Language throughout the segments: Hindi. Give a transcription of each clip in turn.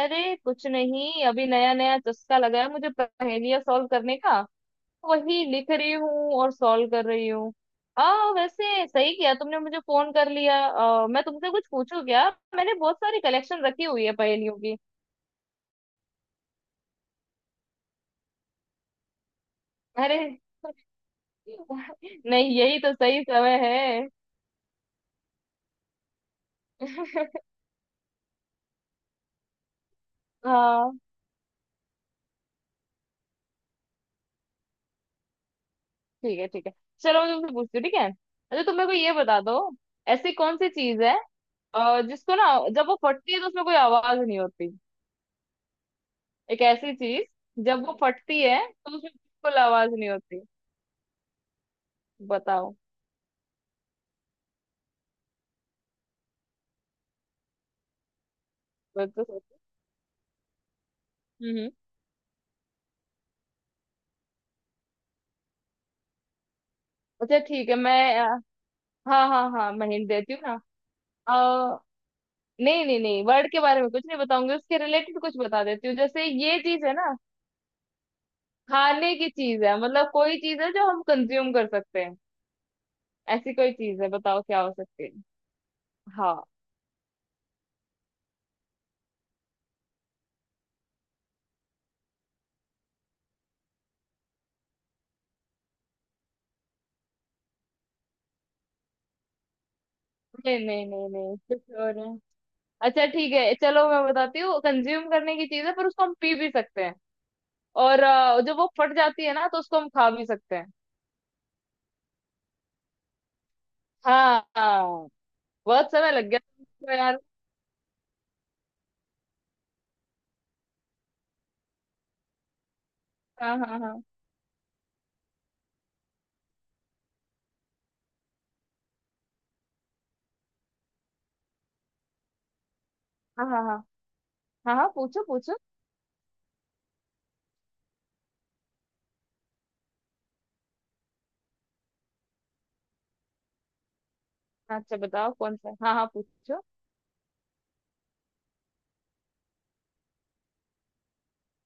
अरे, कुछ नहीं। अभी नया नया चस्का लगा है मुझे पहेलियां सॉल्व करने का। वही लिख रही हूँ और सॉल्व कर रही हूँ। आ वैसे सही किया तुमने मुझे फोन कर लिया। मैं तुमसे कुछ पूछूं क्या? मैंने बहुत सारी कलेक्शन रखी हुई है पहेलियों की। अरे! नहीं, यही तो सही समय है। हाँ, ठीक है ठीक है। चलो, मैं तुमसे पूछती हूँ, ठीक है? अच्छा, तुम मेरे को ये बता दो। ऐसी कौन सी चीज है जिसको ना जब वो फटती है तो उसमें कोई आवाज नहीं होती। एक ऐसी चीज जब वो फटती है तो उसमें बिल्कुल आवाज नहीं होती। बताओ। मैं तो सोचो। हम्म। अच्छा, ठीक है। मैं हाँ हाँ हाँ, मैं हिंट देती हूँ ना। अ, नहीं नहीं नहीं, वर्ड के बारे में कुछ नहीं बताऊंगी। उसके रिलेटेड कुछ बता देती हूँ। जैसे ये चीज है ना, खाने की चीज है। मतलब कोई चीज है जो हम कंज्यूम कर सकते हैं। ऐसी कोई चीज है, बताओ क्या हो सकती है। हाँ। नहीं नहीं नहीं नहीं, कुछ और है। अच्छा ठीक है, चलो मैं बताती हूँ। कंज्यूम करने की चीज है पर उसको हम पी भी सकते हैं। और जब वो फट जाती है ना तो उसको हम खा भी सकते हैं। हाँ हाँ। बहुत समय लग गया तो यार। हाँ हाँ हाँ हाँ हाँ हाँ हाँ हाँ, पूछो पूछो। अच्छा बताओ कौन सा? हाँ हाँ, पूछो।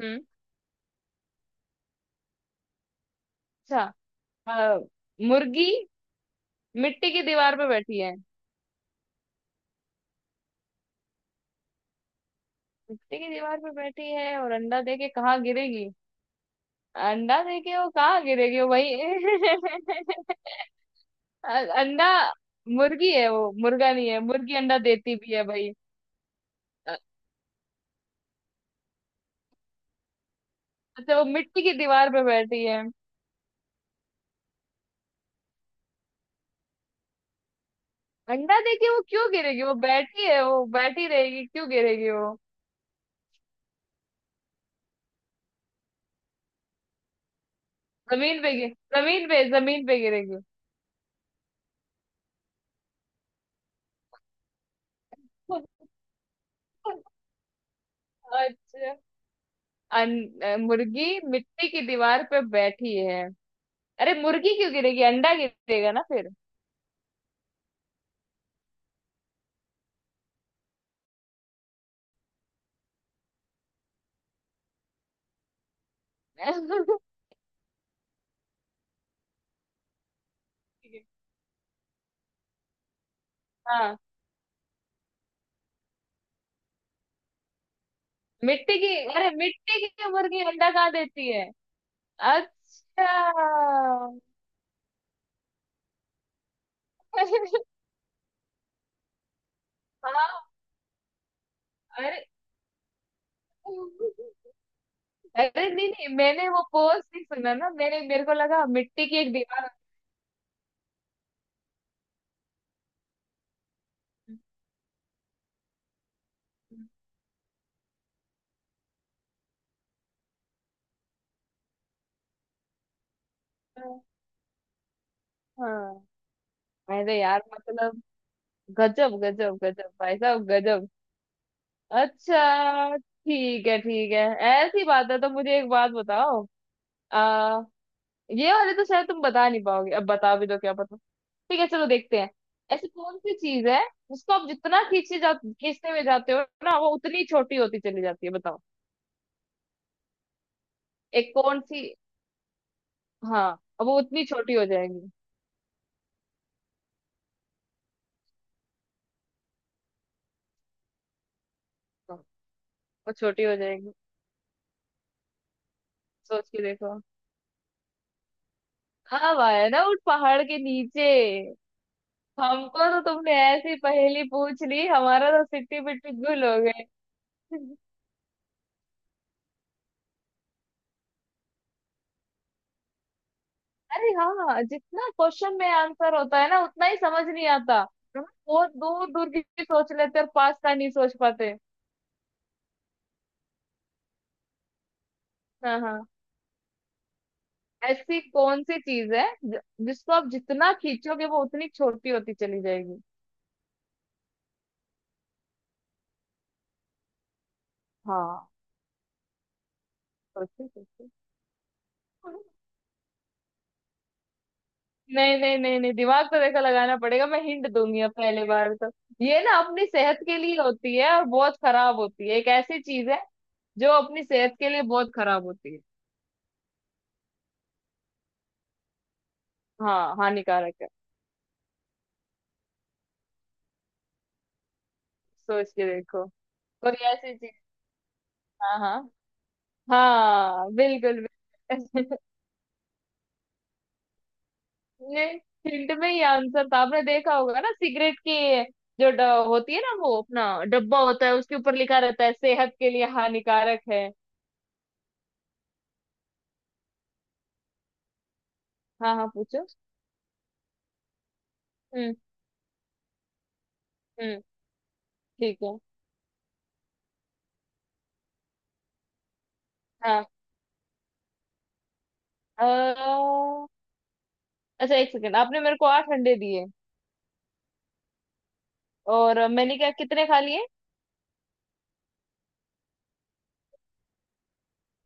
हम्म। अच्छा। अ, मुर्गी मिट्टी की दीवार पे बैठी है। मिट्टी की दीवार पे बैठी है और अंडा दे के कहाँ गिरेगी? अंडा दे के वो कहाँ गिरेगी वो, भाई? अंडा! मुर्गी है वो, मुर्गा नहीं है। मुर्गी अंडा देती भी है, भाई। अ- अच्छा, वो मिट्टी की दीवार पे बैठी है। अंडा देके वो क्यों गिरेगी? वो बैठी है, वो बैठी रहेगी। क्यों गिरेगी वो? जमीन पे गिर, जमीन पे, जमीन पे गिरेगी। अच्छा। अन, मुर्गी मिट्टी की दीवार पे बैठी है। अरे मुर्गी क्यों गिरेगी, अंडा गिरेगा ना फिर। हाँ, मिट्टी की। अरे, मिट्टी की मुर्गी अंडा कहाँ देती है? अच्छा। हाँ। अरे, अरे नहीं नहीं, मैंने वो पोज नहीं सुना ना। मैंने, मेरे को लगा मिट्टी की एक दीवार। हाँ। अरे यार, मतलब गजब गजब गजब, भाई साहब गजब। अच्छा ठीक है, ठीक है। ऐसी बात है तो मुझे एक बात बताओ। आ, ये वाले तो शायद तुम बता नहीं पाओगे, अब बता भी दो क्या पता। ठीक है, चलो देखते हैं। ऐसी कौन सी चीज है जिसको आप जितना खींचे जा, खींचते हुए जाते हो ना, वो उतनी छोटी होती चली जाती है। बताओ। एक कौन सी? हाँ, अब वो उतनी छोटी हो जाएगी। हाँ, वो छोटी हो जाएगी। सोच के देखो। हाँ वाह, है ना उस पहाड़ के नीचे। हमको तो तुमने ऐसी पहेली पूछ ली, हमारा तो सिट्टी पिट्टी गुल हो गए। अरे हाँ, जितना क्वेश्चन में आंसर होता है ना, उतना ही समझ नहीं आता। हम बहुत दूर दूर की चीज़ सोच लेते और पास का नहीं सोच पाते। हाँ हाँ। ऐसी कौन सी चीज है जिसको आप जितना खींचोगे वो उतनी छोटी होती चली जाएगी। हाँ। सोचो सोचो। नहीं नहीं नहीं नहीं, दिमाग तो देखो लगाना पड़ेगा। मैं हिंट दूंगी अब, पहले बार तो। ये ना अपनी सेहत के लिए होती है और बहुत खराब होती है। एक ऐसी चीज है जो अपनी सेहत के लिए बहुत खराब होती है। हाँ, हानिकारक है। सोच के देखो। कोई ऐसी चीज। हाँ हाँ हाँ, बिल्कुल बिल्कुल। ये हिंट में ही आंसर था। आपने देखा होगा ना सिगरेट की जो होती है ना, वो अपना डब्बा होता है, उसके ऊपर लिखा रहता है सेहत के लिए हानिकारक है। हाँ हाँ, पूछो। हम्म हम्म, ठीक है। हाँ। अ, अच्छा एक सेकेंड, आपने मेरे को आठ अंडे दिए और मैंने क्या कितने खा लिए?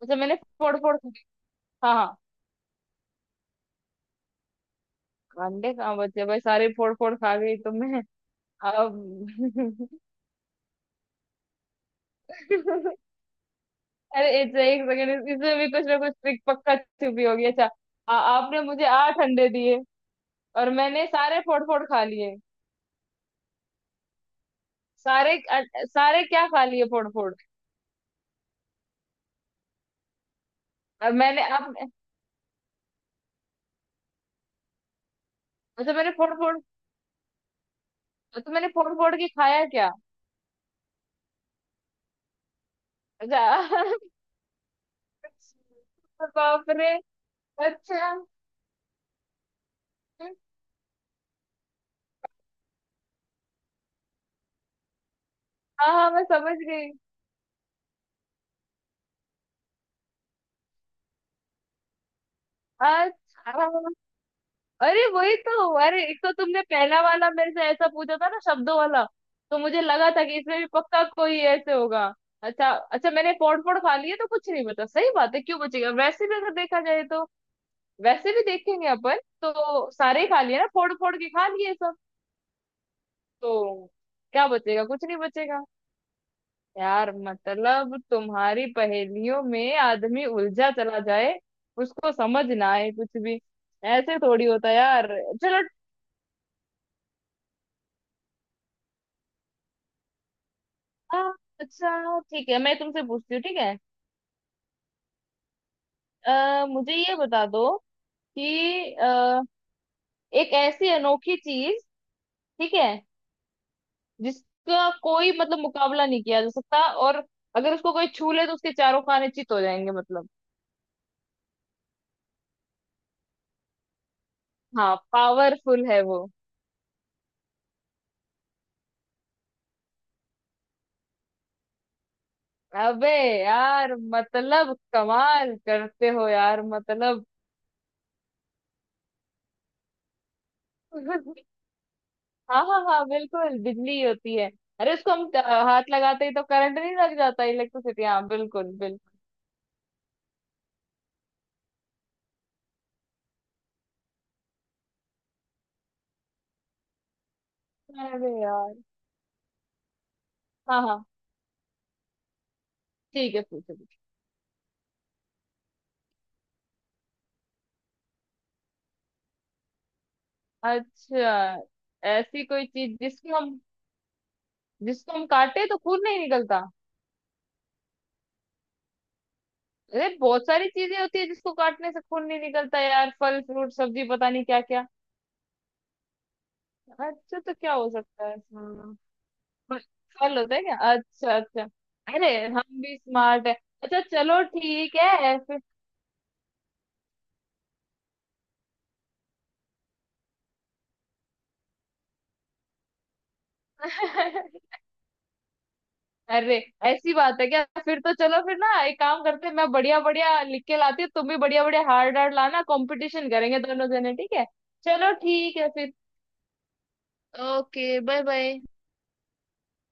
अच्छा, मैंने फोड़ फोड़। हाँ हाँ। अंडे कहाँ बचे भाई, सारे फोड़ फोड़ खा गई तो मैं, अब। अरे अच्छा, एक सेकंड, इसमें भी कुछ ना कुछ ट्रिक पक्का छुपी होगी। अच्छा। आपने मुझे आठ अंडे दिए और मैंने सारे फोड़ फोड़ खा लिए। सारे सारे क्या खा लिए फोड़ फोड़? और मैंने आप अच्छा, मैंने फोड़ फोड़, तो मैंने फोड़ फोड़ के खाया क्या? अच्छा। बाप रे। अच्छा। हाँ हाँ, मैं समझ गई। अच्छा। अरे वही तो। अरे एक तो तुमने पहला वाला मेरे से ऐसा पूछा था ना, शब्दों वाला, तो मुझे लगा था कि इसमें भी पक्का कोई ऐसे होगा। अच्छा अच्छा, मैंने पॉट पॉट खा लिया तो कुछ नहीं, बता सही बात है, क्यों बचेगा वैसे भी अगर देखा जाए तो। वैसे भी देखेंगे अपन, तो सारे ही खा लिए ना, फोड़ फोड़ के खा लिए सब, तो क्या बचेगा? कुछ नहीं बचेगा। यार, मतलब तुम्हारी पहेलियों में आदमी उलझा चला जाए, उसको समझ ना आए कुछ भी। ऐसे थोड़ी होता है यार। चलो। आ, अच्छा ठीक है, मैं तुमसे पूछती हूँ, ठीक है? मुझे ये बता दो कि एक ऐसी अनोखी चीज, ठीक है, जिसका कोई मतलब मुकाबला नहीं किया जा सकता, और अगर उसको कोई छू ले तो उसके चारों खाने चित हो जाएंगे, मतलब। हाँ, पावरफुल है वो। अबे यार, मतलब कमाल करते हो यार, मतलब। हाँ हाँ हाँ, बिल्कुल बिजली होती है। अरे, उसको हम हाथ लगाते ही तो करंट नहीं लग जाता? इलेक्ट्रिसिटी, हाँ बिल्कुल बिल्कुल। अरे यार। हाँ हाँ, ठीक है, पूछो पूछो। अच्छा, ऐसी कोई चीज जिसको हम काटे तो खून नहीं निकलता? अरे बहुत सारी चीजें होती है जिसको काटने से खून नहीं निकलता, यार फल फ्रूट सब्जी, पता नहीं क्या क्या। अच्छा, तो क्या हो सकता है? हाँ, फल। फल होता है क्या? अच्छा अच्छा। अरे हम भी स्मार्ट है। अच्छा चलो, ठीक है फिर। अरे ऐसी बात है क्या? फिर तो चलो फिर ना, एक काम करते हैं, मैं बढ़िया बढ़िया लिख के लाती हूँ, तुम भी बढ़िया बढ़िया हार्ड हार्ड लाना, कंपटीशन करेंगे दोनों जने, ठीक है? चलो ठीक है फिर। Okay, bye bye.